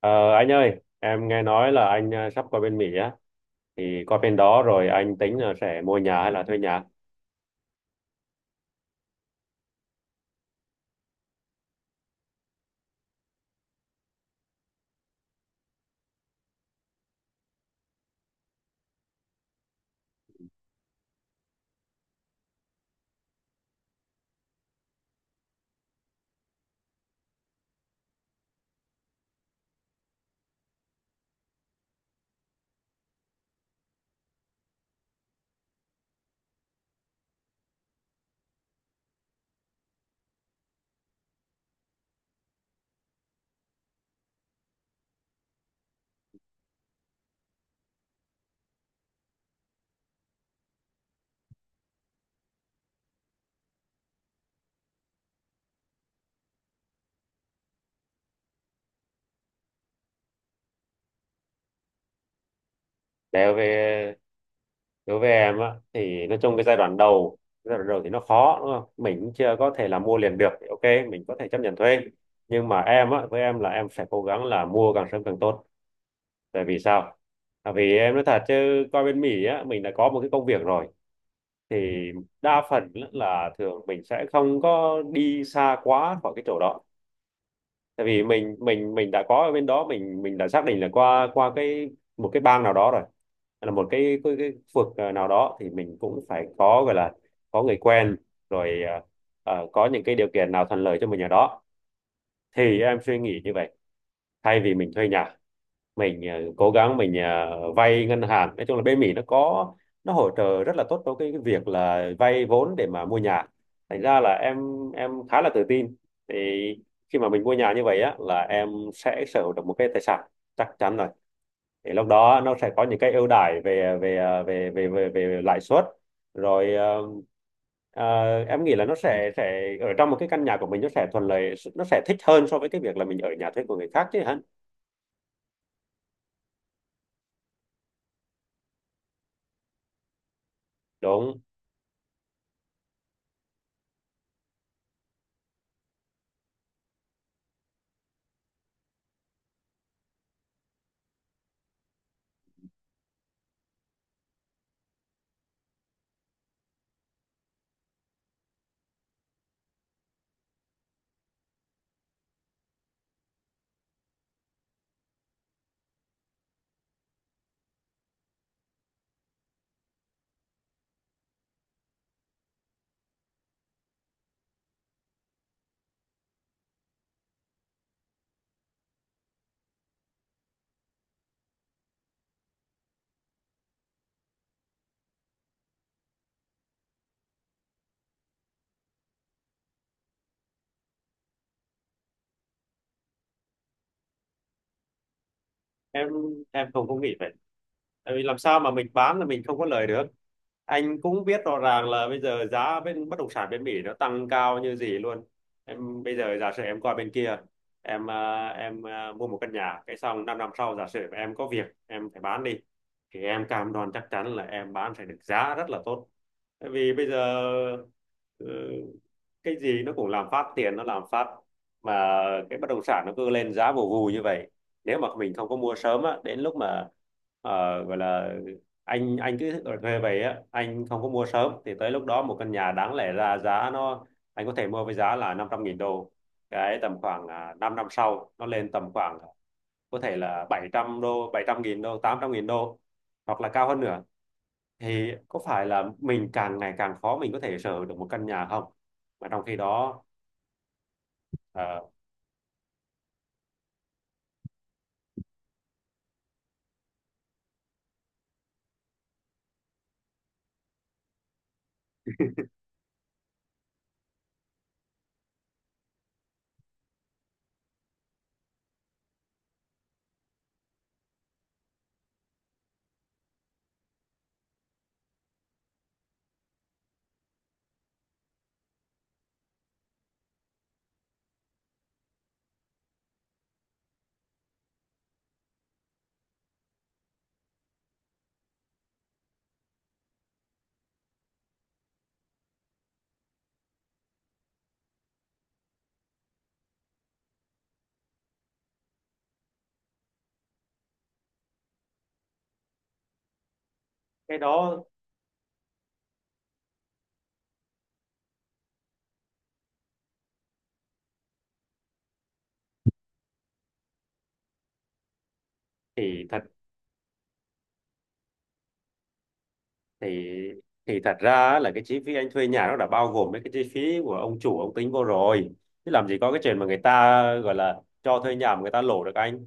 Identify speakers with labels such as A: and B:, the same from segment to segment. A: Ờ, anh ơi, em nghe nói là anh sắp qua bên Mỹ á, thì qua bên đó rồi anh tính là sẽ mua nhà hay là thuê nhà. Đối với đối với em á, thì nói chung cái giai đoạn đầu thì nó khó đúng không? Mình cũng chưa có thể là mua liền được, thì ok, mình có thể chấp nhận thuê. Nhưng mà em á, với em là em sẽ cố gắng là mua càng sớm càng tốt. Tại vì sao? Tại vì em nói thật chứ qua bên Mỹ á, mình đã có một cái công việc rồi. Thì đa phần là thường mình sẽ không có đi xa quá khỏi cái chỗ đó, tại vì mình đã có ở bên đó, mình đã xác định là qua qua cái một cái bang nào đó rồi. Hay là một cái khu vực nào đó thì mình cũng phải có gọi là có người quen rồi, có những cái điều kiện nào thuận lợi cho mình ở đó. Thì em suy nghĩ như vậy, thay vì mình thuê nhà mình cố gắng mình vay ngân hàng. Nói chung là bên Mỹ nó có nó hỗ trợ rất là tốt cho cái việc là vay vốn để mà mua nhà. Thành ra là em khá là tự tin, thì khi mà mình mua nhà như vậy á là em sẽ sở hữu được một cái tài sản, chắc chắn rồi. Thì lúc đó nó sẽ có những cái ưu đãi về về ờ, về về về, về lãi suất. Rồi, em nghĩ là nó sẽ ở trong một cái căn nhà của mình, nó sẽ thuận lợi, nó sẽ thích hơn so với cái việc là mình ở nhà thuê của người khác chứ hả. Đúng, em em không có nghĩ vậy. Tại vì làm sao mà mình bán là mình không có lời được. Anh cũng biết rõ ràng là bây giờ giá bên bất động sản bên Mỹ nó tăng cao như gì luôn. Em bây giờ giả sử em qua bên kia, em à, mua một căn nhà cái xong 5 năm năm sau giả sử em có việc em phải bán đi, thì em cam đoan chắc chắn là em bán phải được giá rất là tốt. Tại vì bây giờ, ờ, cái gì nó cũng làm phát tiền nó làm phát, mà cái bất động sản nó cứ lên giá vù vù như vậy. Nếu mà mình không có mua sớm á, đến lúc mà ờ, gọi là anh cứ ở thuê về á, anh không có mua sớm thì tới lúc đó một căn nhà đáng lẽ ra giá nó anh có thể mua với giá là 500.000 đô, cái tầm khoảng à, 5 năm sau nó lên tầm khoảng à, có thể là 700 đô 700.000 đô 800.000 đô hoặc là cao hơn nữa. Thì có phải là mình càng ngày càng khó mình có thể sở hữu được một căn nhà không? Mà trong khi đó, ờ, cái đó thì thật thì thì thật ra là cái chi phí anh thuê nhà nó đã bao gồm mấy cái chi phí của ông chủ ông tính vô rồi, chứ làm gì có cái chuyện mà người ta gọi là cho thuê nhà mà người ta lỗ được. anh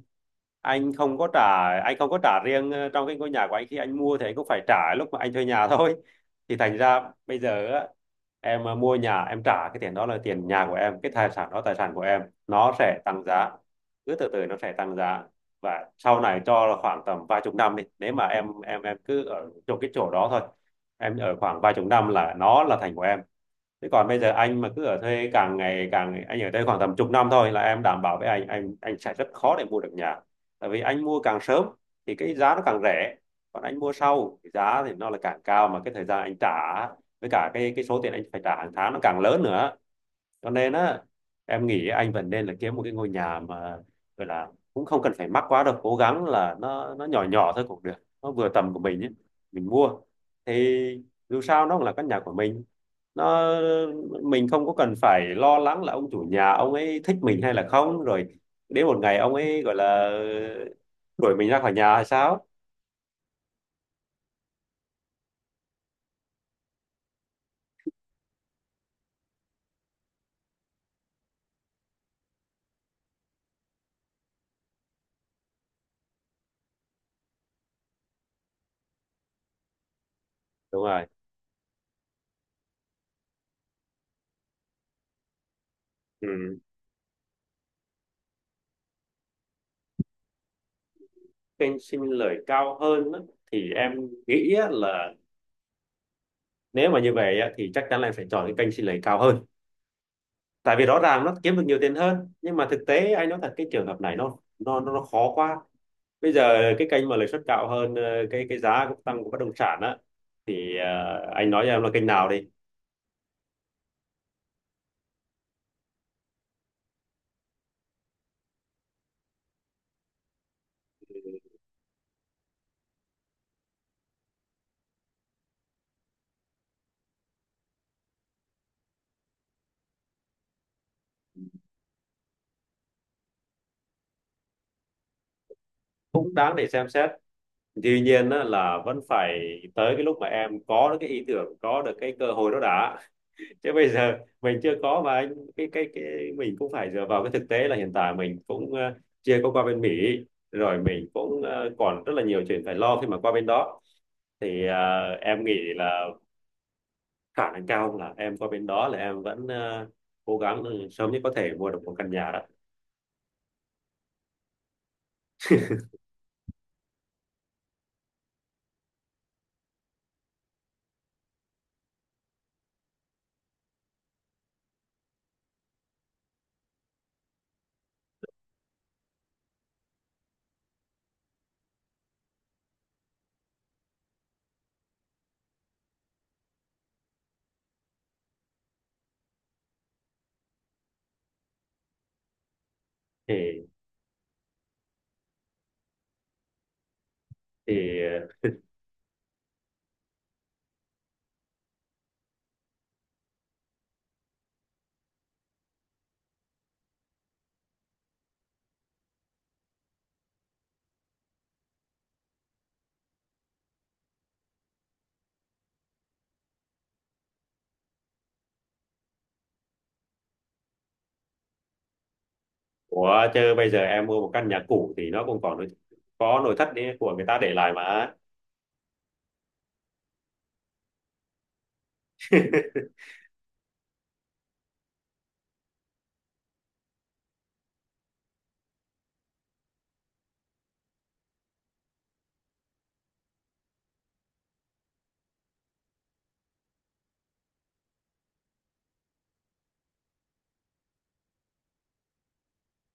A: anh không có trả, anh không có trả riêng trong cái ngôi nhà của anh khi anh mua thì anh cũng phải trả lúc mà anh thuê nhà thôi. Thì thành ra bây giờ á, em mua nhà em trả cái tiền đó là tiền nhà của em, cái tài sản đó tài sản của em, nó sẽ tăng giá, cứ từ từ nó sẽ tăng giá. Và sau này cho là khoảng tầm vài chục năm đi, nếu mà em cứ ở trong cái chỗ đó thôi, em ở khoảng vài chục năm là nó là thành của em. Thế còn bây giờ anh mà cứ ở thuê càng ngày càng anh ở đây khoảng tầm chục năm thôi là em đảm bảo với anh, anh sẽ rất khó để mua được nhà. Tại vì anh mua càng sớm thì cái giá nó càng rẻ, còn anh mua sau thì giá thì nó là càng cao, mà cái thời gian anh trả với cả cái số tiền anh phải trả hàng tháng nó càng lớn nữa. Cho nên á, em nghĩ anh vẫn nên là kiếm một cái ngôi nhà mà gọi là cũng không cần phải mắc quá đâu, cố gắng là nó nhỏ nhỏ thôi cũng được, nó vừa tầm của mình ấy. Mình mua thì dù sao nó cũng là căn nhà của mình, nó mình không có cần phải lo lắng là ông chủ nhà ông ấy thích mình hay là không, rồi đến một ngày ông ấy gọi là đuổi mình ra khỏi nhà hay sao. Đúng rồi. Ừ. Kênh xin lời cao hơn á, thì em nghĩ á là nếu mà như vậy á, thì chắc chắn là em phải chọn cái kênh xin lời cao hơn. Tại vì rõ ràng nó kiếm được nhiều tiền hơn, nhưng mà thực tế anh nói thật cái trường hợp này nó khó quá. Bây giờ cái kênh mà lợi suất cao hơn, cái giá cũng tăng của bất động sản á, thì anh nói cho em là kênh nào đi cũng đáng để xem xét. Tuy nhiên á, là vẫn phải tới cái lúc mà em có được cái ý tưởng, có được cái cơ hội đó đã chứ bây giờ mình chưa có mà anh cái mình cũng phải dựa vào cái thực tế là hiện tại mình cũng chưa có qua bên Mỹ. Rồi mình cũng còn rất là nhiều chuyện phải lo khi mà qua bên đó. Thì à, em nghĩ là khả năng cao là em qua bên đó là em vẫn à, cố gắng sớm nhất có thể mua được một căn nhà đó. Thì thì của chơi bây giờ em mua một căn nhà cũ thì nó cũng còn có nội thất đấy của người ta để lại mà.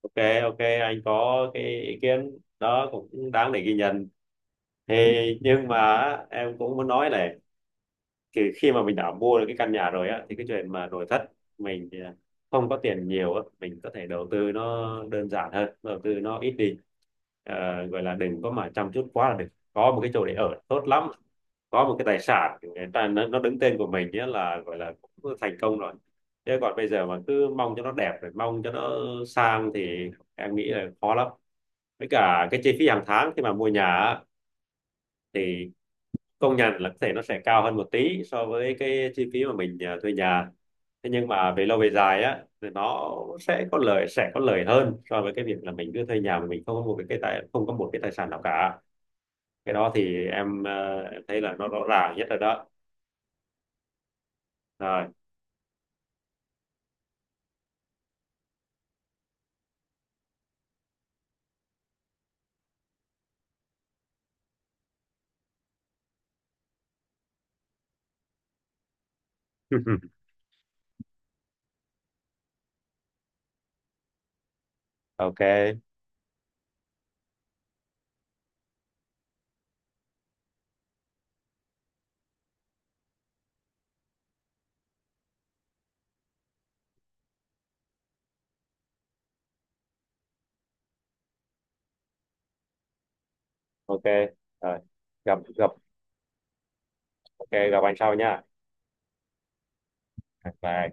A: Ok, ok, anh có cái ý kiến đó cũng đáng để ghi nhận. Thì nhưng mà em cũng muốn nói là thì khi mà mình đã mua được cái căn nhà rồi á, thì cái chuyện mà nội thất mình thì không có tiền nhiều á, mình có thể đầu tư nó đơn giản hơn, đầu tư nó ít đi. Ờ, gọi là đừng có mà chăm chút quá là được, có một cái chỗ để ở tốt lắm, có một cái tài sản người ta nó đứng tên của mình nhé là gọi là cũng thành công rồi. Thế còn bây giờ mà cứ mong cho nó đẹp rồi mong cho nó sang thì em nghĩ là khó lắm. Với cả cái chi phí hàng tháng khi mà mua nhà á, thì công nhận là có thể nó sẽ cao hơn một tí so với cái chi phí mà mình à, thuê nhà. Thế nhưng mà về lâu về dài á thì nó sẽ có lợi, sẽ có lợi hơn so với cái việc là mình cứ thuê nhà mà mình không có một cái tài không có một cái tài sản nào cả. Cái đó thì em, em thấy là nó rõ ràng nhất rồi đó. Rồi. Ok, ok. Rồi. Gặp gặp ok, gặp anh sau nha. Bye.